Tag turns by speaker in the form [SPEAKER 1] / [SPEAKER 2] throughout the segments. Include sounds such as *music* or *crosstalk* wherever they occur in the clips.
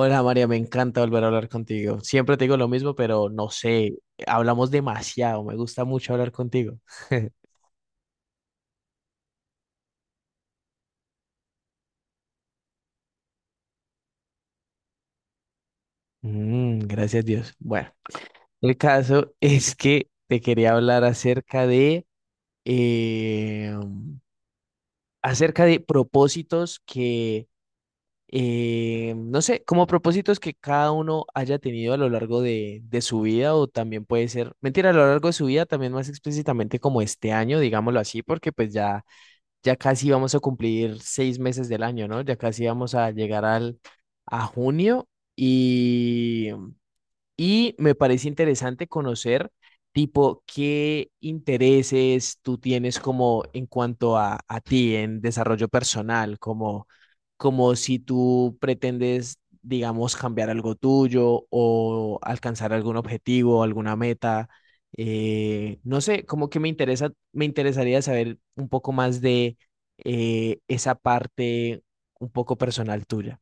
[SPEAKER 1] Hola María, me encanta volver a hablar contigo. Siempre te digo lo mismo, pero no sé, hablamos demasiado, me gusta mucho hablar contigo. *laughs* Gracias Dios. Bueno, el caso es que te quería hablar acerca de, eh, acerca de propósitos que, no sé, como propósitos que cada uno haya tenido a lo largo de su vida o también puede ser, mentira, a lo largo de su vida, también más explícitamente como este año, digámoslo así, porque pues ya... ya casi vamos a cumplir 6 meses del año, ¿no? Ya casi vamos a llegar a junio y, y me parece interesante conocer, tipo, qué intereses tú tienes como en cuanto a ti en desarrollo personal, como, como si tú pretendes, digamos, cambiar algo tuyo o alcanzar algún objetivo, alguna meta. No sé, como que me interesa, me interesaría saber un poco más de esa parte un poco personal tuya.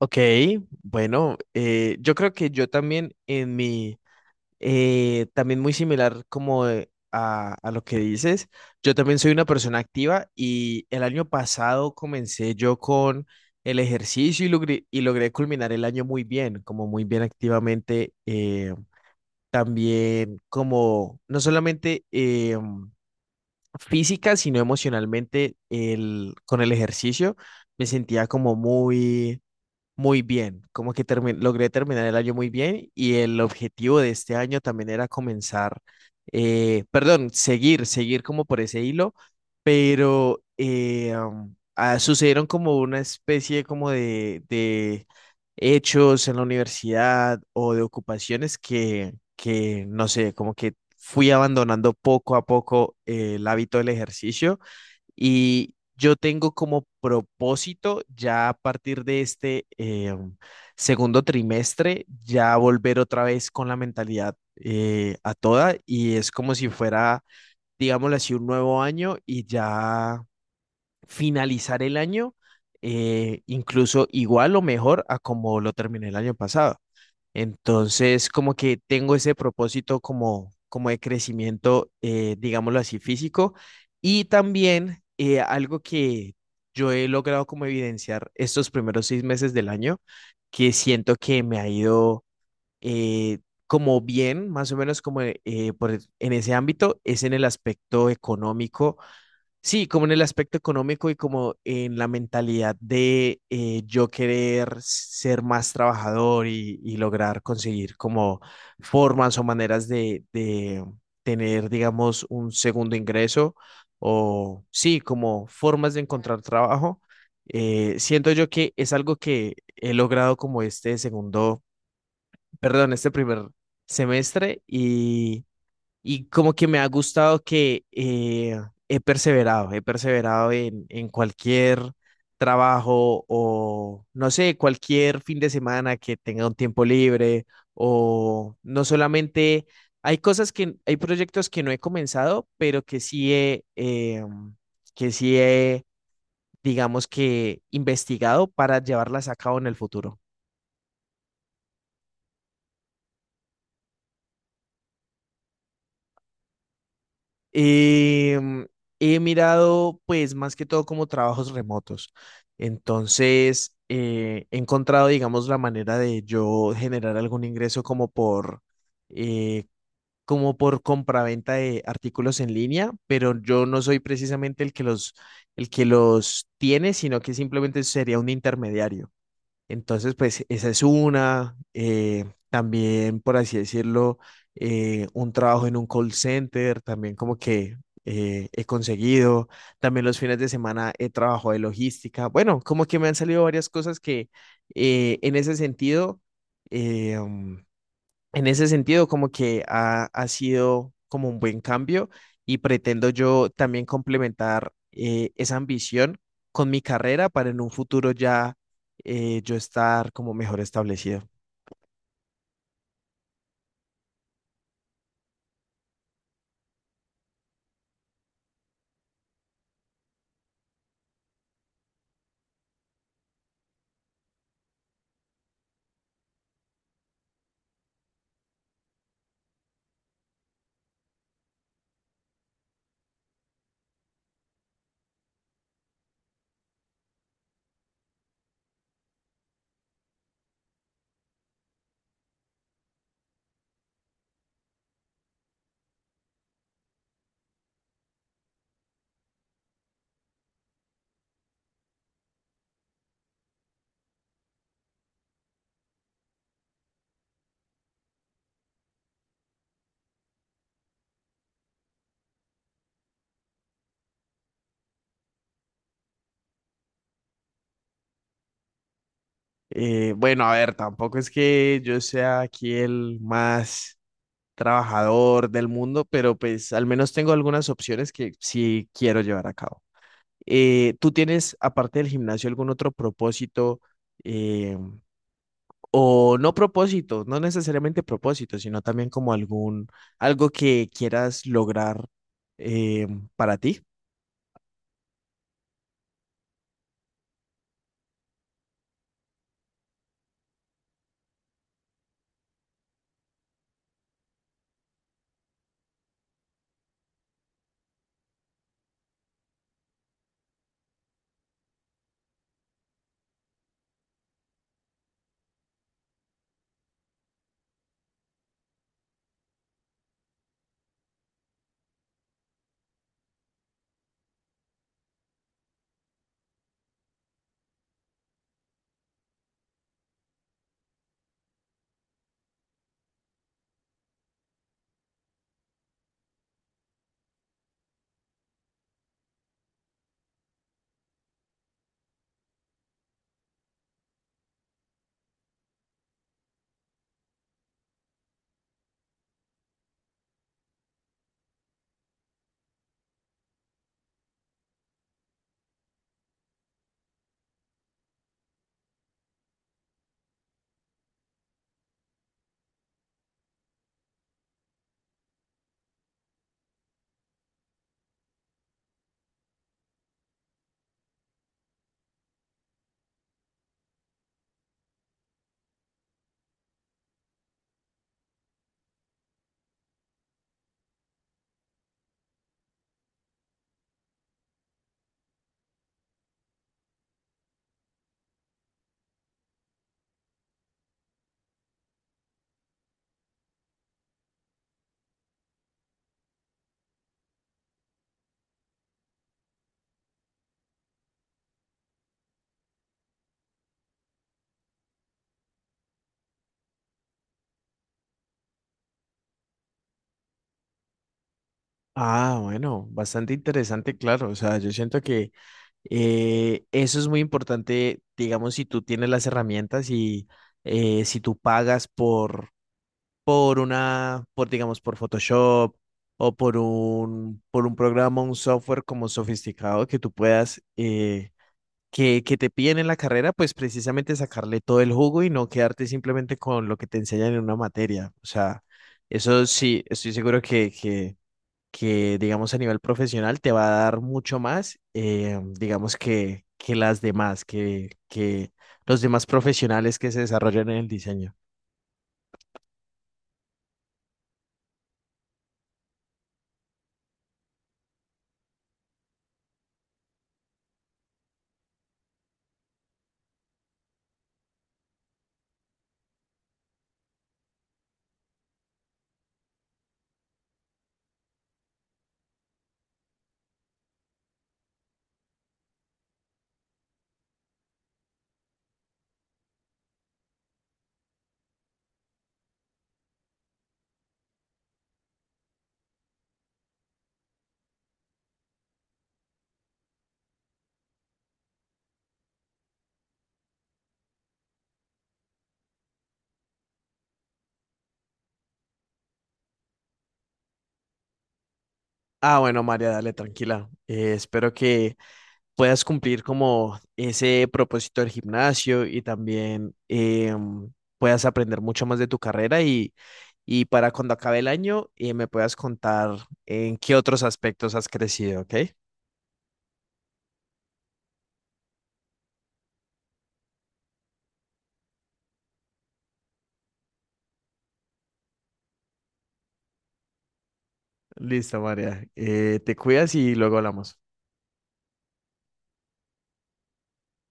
[SPEAKER 1] Ok, bueno, yo creo que yo también en mi, también muy similar como a lo que dices, yo también soy una persona activa y el año pasado comencé yo con el ejercicio y y logré culminar el año muy bien, como muy bien activamente, también como no solamente física, sino emocionalmente el, con el ejercicio, me sentía como muy muy bien, como que logré terminar el año muy bien y el objetivo de este año también era comenzar, perdón, seguir como por ese hilo, pero sucedieron como una especie como de hechos en la universidad o de ocupaciones que, no sé, como que fui abandonando poco a poco el hábito del ejercicio y yo tengo como propósito ya a partir de este segundo trimestre, ya volver otra vez con la mentalidad a toda y es como si fuera, digámoslo así, un nuevo año y ya finalizar el año incluso igual o mejor a como lo terminé el año pasado. Entonces, como que tengo ese propósito como, como de crecimiento, digámoslo así, físico. Y también algo que yo he logrado como evidenciar estos primeros 6 meses del año, que siento que me ha ido eh, como bien, más o menos como en ese ámbito, es en el aspecto económico. Sí, como en el aspecto económico y como en la mentalidad de yo querer ser más trabajador y lograr conseguir como formas o maneras de tener, digamos, un segundo ingreso o sí, como formas de encontrar trabajo. Siento yo que es algo que he logrado como este perdón, este primer semestre y como que me ha gustado que he perseverado en cualquier trabajo o, no sé, cualquier fin de semana que tenga un tiempo libre o no solamente, hay cosas que, hay proyectos que no he comenzado, pero que sí que sí he, digamos que investigado para llevarlas a cabo en el futuro. Eh, He mirado, pues, más que todo como trabajos remotos. Entonces, he encontrado, digamos, la manera de yo generar algún ingreso como eh, como por compraventa de artículos en línea, pero yo no soy precisamente el que los tiene, sino que simplemente sería un intermediario. Entonces, pues esa es una. También, por así decirlo, un trabajo en un call center, también como que he conseguido. También los fines de semana he trabajado de logística. Bueno, como que me han salido varias cosas que en ese sentido... eh, mm, en ese sentido, como que ha sido como un buen cambio y pretendo yo también complementar esa ambición con mi carrera para en un futuro ya yo estar como mejor establecido. Bueno, a ver, tampoco es que yo sea aquí el más trabajador del mundo, pero pues al menos tengo algunas opciones que sí quiero llevar a cabo. ¿Tú tienes, aparte del gimnasio, algún otro propósito? eh, O no propósito, no necesariamente propósito, sino también como algún, algo que quieras lograr eh, para ti. Ah, bueno, bastante interesante, claro. O sea, yo siento que eso es muy importante, digamos, si tú tienes las herramientas y si tú pagas por una, por, digamos, por Photoshop o por un programa, un software como sofisticado que tú puedas que te piden en la carrera, pues precisamente sacarle todo el jugo y no quedarte simplemente con lo que te enseñan en una materia. O sea, eso sí, estoy seguro que digamos, a nivel profesional te va a dar mucho más, digamos, que las demás, que los demás profesionales que se desarrollan en el diseño. Ah, bueno, María, dale, tranquila. Espero que... puedas cumplir como ese propósito del gimnasio y también puedas aprender mucho más de tu carrera y para cuando acabe el año me puedas contar en qué otros aspectos has crecido, ¿ok? Listo, María. Te cuidas y luego hablamos.